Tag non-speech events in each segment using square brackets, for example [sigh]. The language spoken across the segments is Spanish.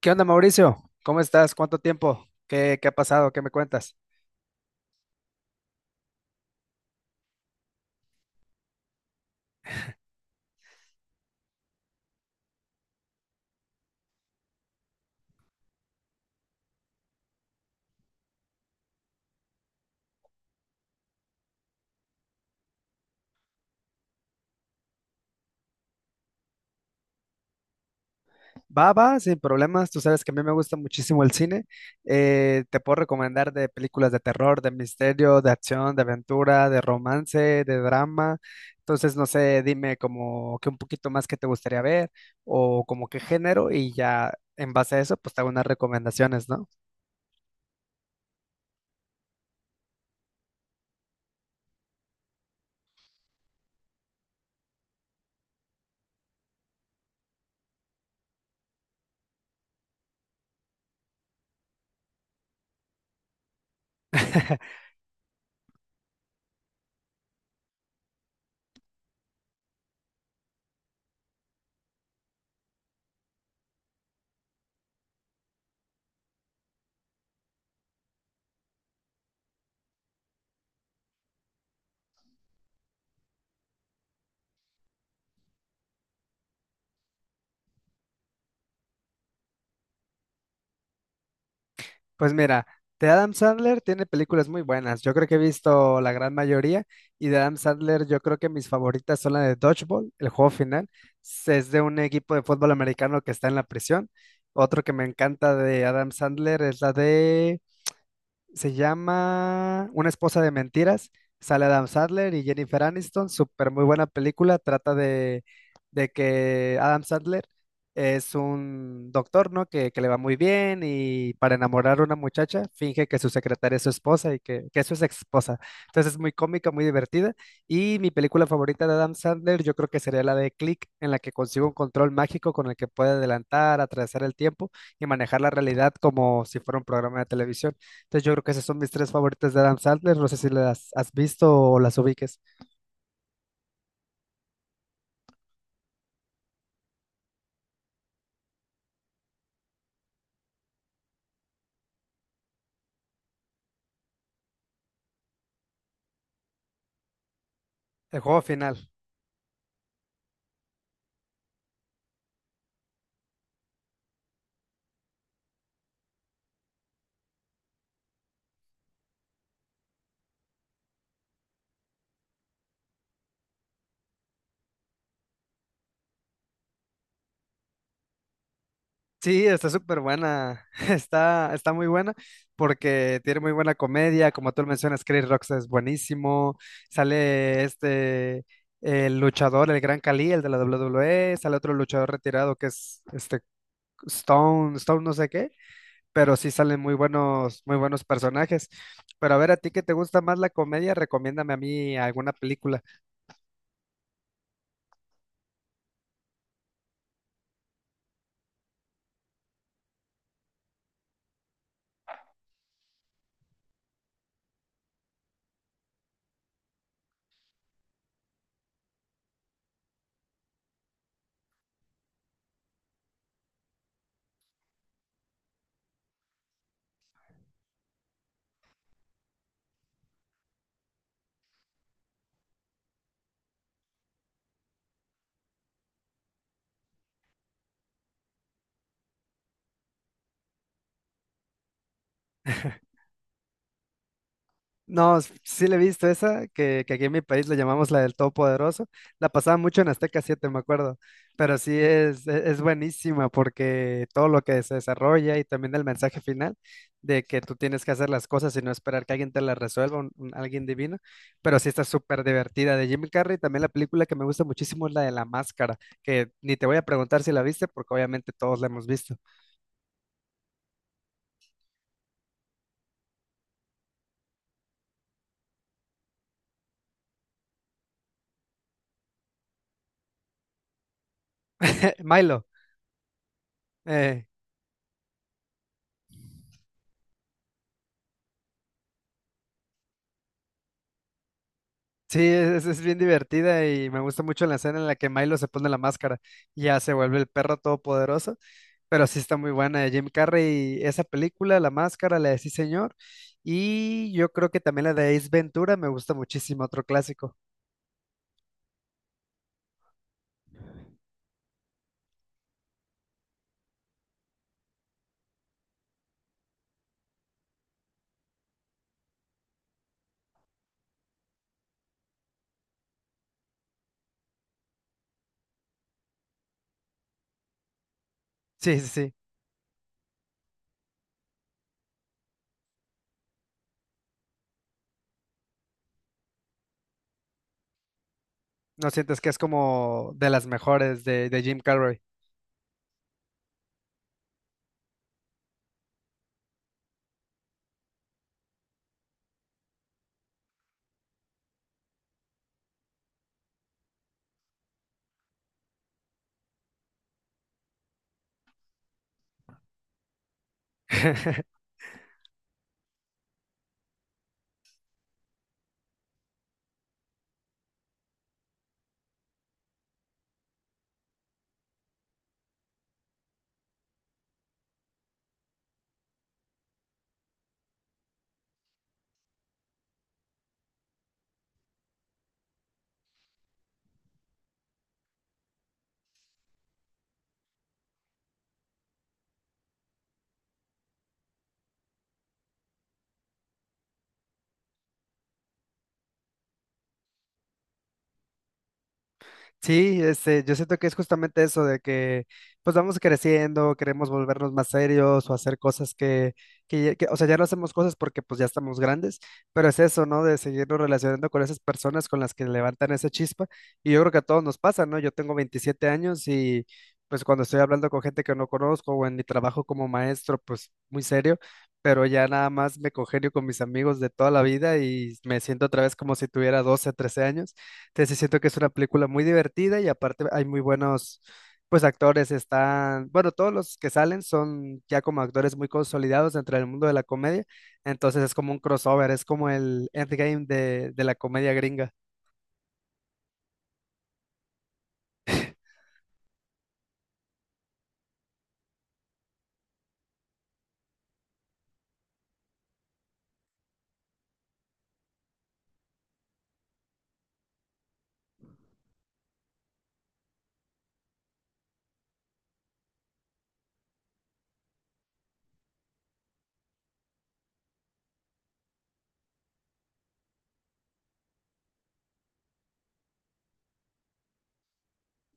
¿Qué onda, Mauricio? ¿Cómo estás? ¿Cuánto tiempo? ¿Qué ha pasado? ¿Qué me cuentas? Va, va, sin problemas. Tú sabes que a mí me gusta muchísimo el cine. Te puedo recomendar de películas de terror, de misterio, de acción, de aventura, de romance, de drama. Entonces, no sé, dime como que un poquito más que te gustaría ver o como qué género y ya en base a eso, pues te hago unas recomendaciones, ¿no? [laughs] Pues mira, de Adam Sandler tiene películas muy buenas. Yo creo que he visto la gran mayoría y de Adam Sandler yo creo que mis favoritas son la de Dodgeball, el juego final. Es de un equipo de fútbol americano que está en la prisión. Otro que me encanta de Adam Sandler es la de se llama Una esposa de mentiras. Sale Adam Sandler y Jennifer Aniston. Súper muy buena película. De que Adam Sandler es un doctor, ¿no? Que le va muy bien y para enamorar a una muchacha finge que su secretaria es su esposa y que es su esposa. Entonces es muy cómica, muy divertida. Y mi película favorita de Adam Sandler yo creo que sería la de Click, en la que consigue un control mágico con el que puede adelantar, atravesar el tiempo y manejar la realidad como si fuera un programa de televisión. Entonces yo creo que esas son mis tres favoritas de Adam Sandler. No sé si las has visto o las ubiques. El juego final. Sí, está súper buena. [laughs] Está muy buena porque tiene muy buena comedia. Como tú lo mencionas, Chris Rock es buenísimo. Sale este, el luchador, el Gran Khali, el de la WWE. Sale otro luchador retirado que es Stone no sé qué. Pero sí salen muy buenos personajes. Pero a ver, a ti que te gusta más la comedia, recomiéndame a mí alguna película. No, sí le he visto esa, que aquí en mi país le llamamos la del Todopoderoso. La pasaba mucho en Azteca siete, me acuerdo. Pero sí es buenísima porque todo lo que se desarrolla y también el mensaje final de que tú tienes que hacer las cosas y no esperar que alguien te las resuelva, un alguien divino. Pero sí está súper divertida de Jim Carrey. También la película que me gusta muchísimo es la de La Máscara, que ni te voy a preguntar si la viste porque obviamente todos la hemos visto. [laughs] Milo. eh, Sí, es bien divertida y me gusta mucho la escena en la que Milo se pone la máscara y ya se vuelve el perro todopoderoso, pero sí está muy buena de Jim Carrey, esa película, La Máscara, la de Sí Señor, y yo creo que también la de Ace Ventura me gusta muchísimo, otro clásico. Sí, sí, sí, no sientes que es como de las mejores de Jim Carrey. [laughs] Sí, este, yo siento que es justamente eso de que pues vamos creciendo, queremos volvernos más serios o hacer cosas que, o sea, ya no hacemos cosas porque pues ya estamos grandes, pero es eso, ¿no? De seguirnos relacionando con esas personas con las que levantan esa chispa y yo creo que a todos nos pasa, ¿no? Yo tengo 27 años y pues cuando estoy hablando con gente que no conozco o en mi trabajo como maestro, pues muy serio, pero ya nada más me congenio con mis amigos de toda la vida y me siento otra vez como si tuviera 12, 13 años. Entonces sí siento que es una película muy divertida y aparte hay muy buenos, pues actores están, bueno, todos los que salen son ya como actores muy consolidados dentro del mundo de la comedia, entonces es como un crossover, es como el endgame de la comedia gringa.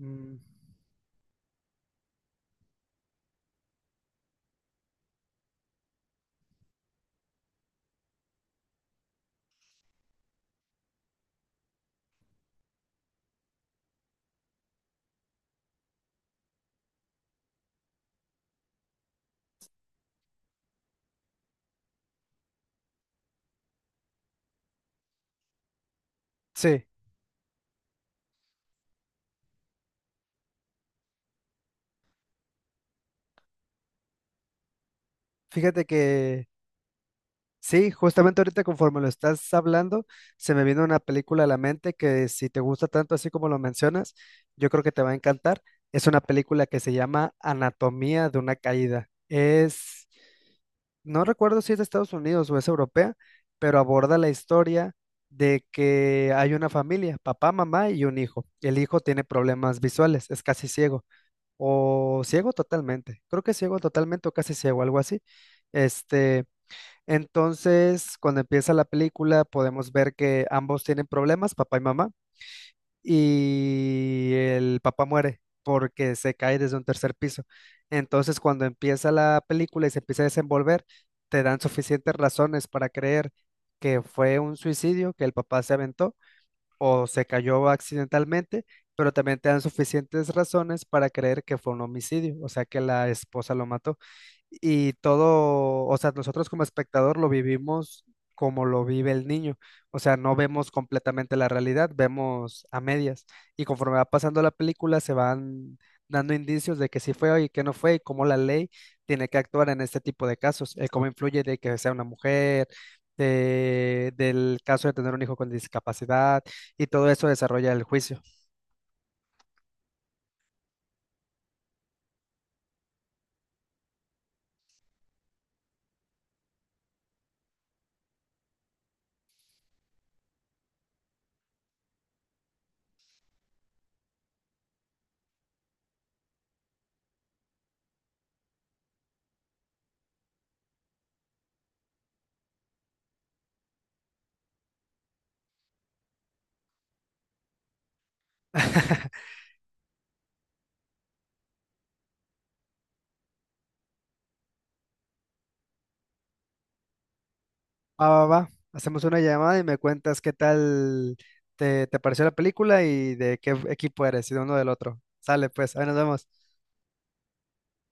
Mm, sí, fíjate que sí, justamente ahorita conforme lo estás hablando, se me vino una película a la mente que si te gusta tanto así como lo mencionas, yo creo que te va a encantar. Es una película que se llama Anatomía de una caída. Es No recuerdo si es de Estados Unidos o es europea, pero aborda la historia de que hay una familia, papá, mamá y un hijo. El hijo tiene problemas visuales, es casi ciego o ciego totalmente. Creo que ciego totalmente o casi ciego, algo así. Este, entonces, cuando empieza la película, podemos ver que ambos tienen problemas, papá y mamá y el papá muere porque se cae desde un tercer piso. Entonces, cuando empieza la película y se empieza a desenvolver, te dan suficientes razones para creer que fue un suicidio, que el papá se aventó o se cayó accidentalmente, pero también te dan suficientes razones para creer que fue un homicidio, o sea, que la esposa lo mató y todo, o sea, nosotros como espectador lo vivimos como lo vive el niño, o sea, no vemos completamente la realidad, vemos a medias y conforme va pasando la película se van dando indicios de que sí fue y que no fue y cómo la ley tiene que actuar en este tipo de casos, cómo influye de que sea una mujer, del caso de tener un hijo con discapacidad y todo eso desarrolla el juicio. [laughs] Va, va, va. Hacemos una llamada y me cuentas qué tal te pareció la película y de qué equipo eres y de uno del otro. Sale, pues, ahí nos vemos.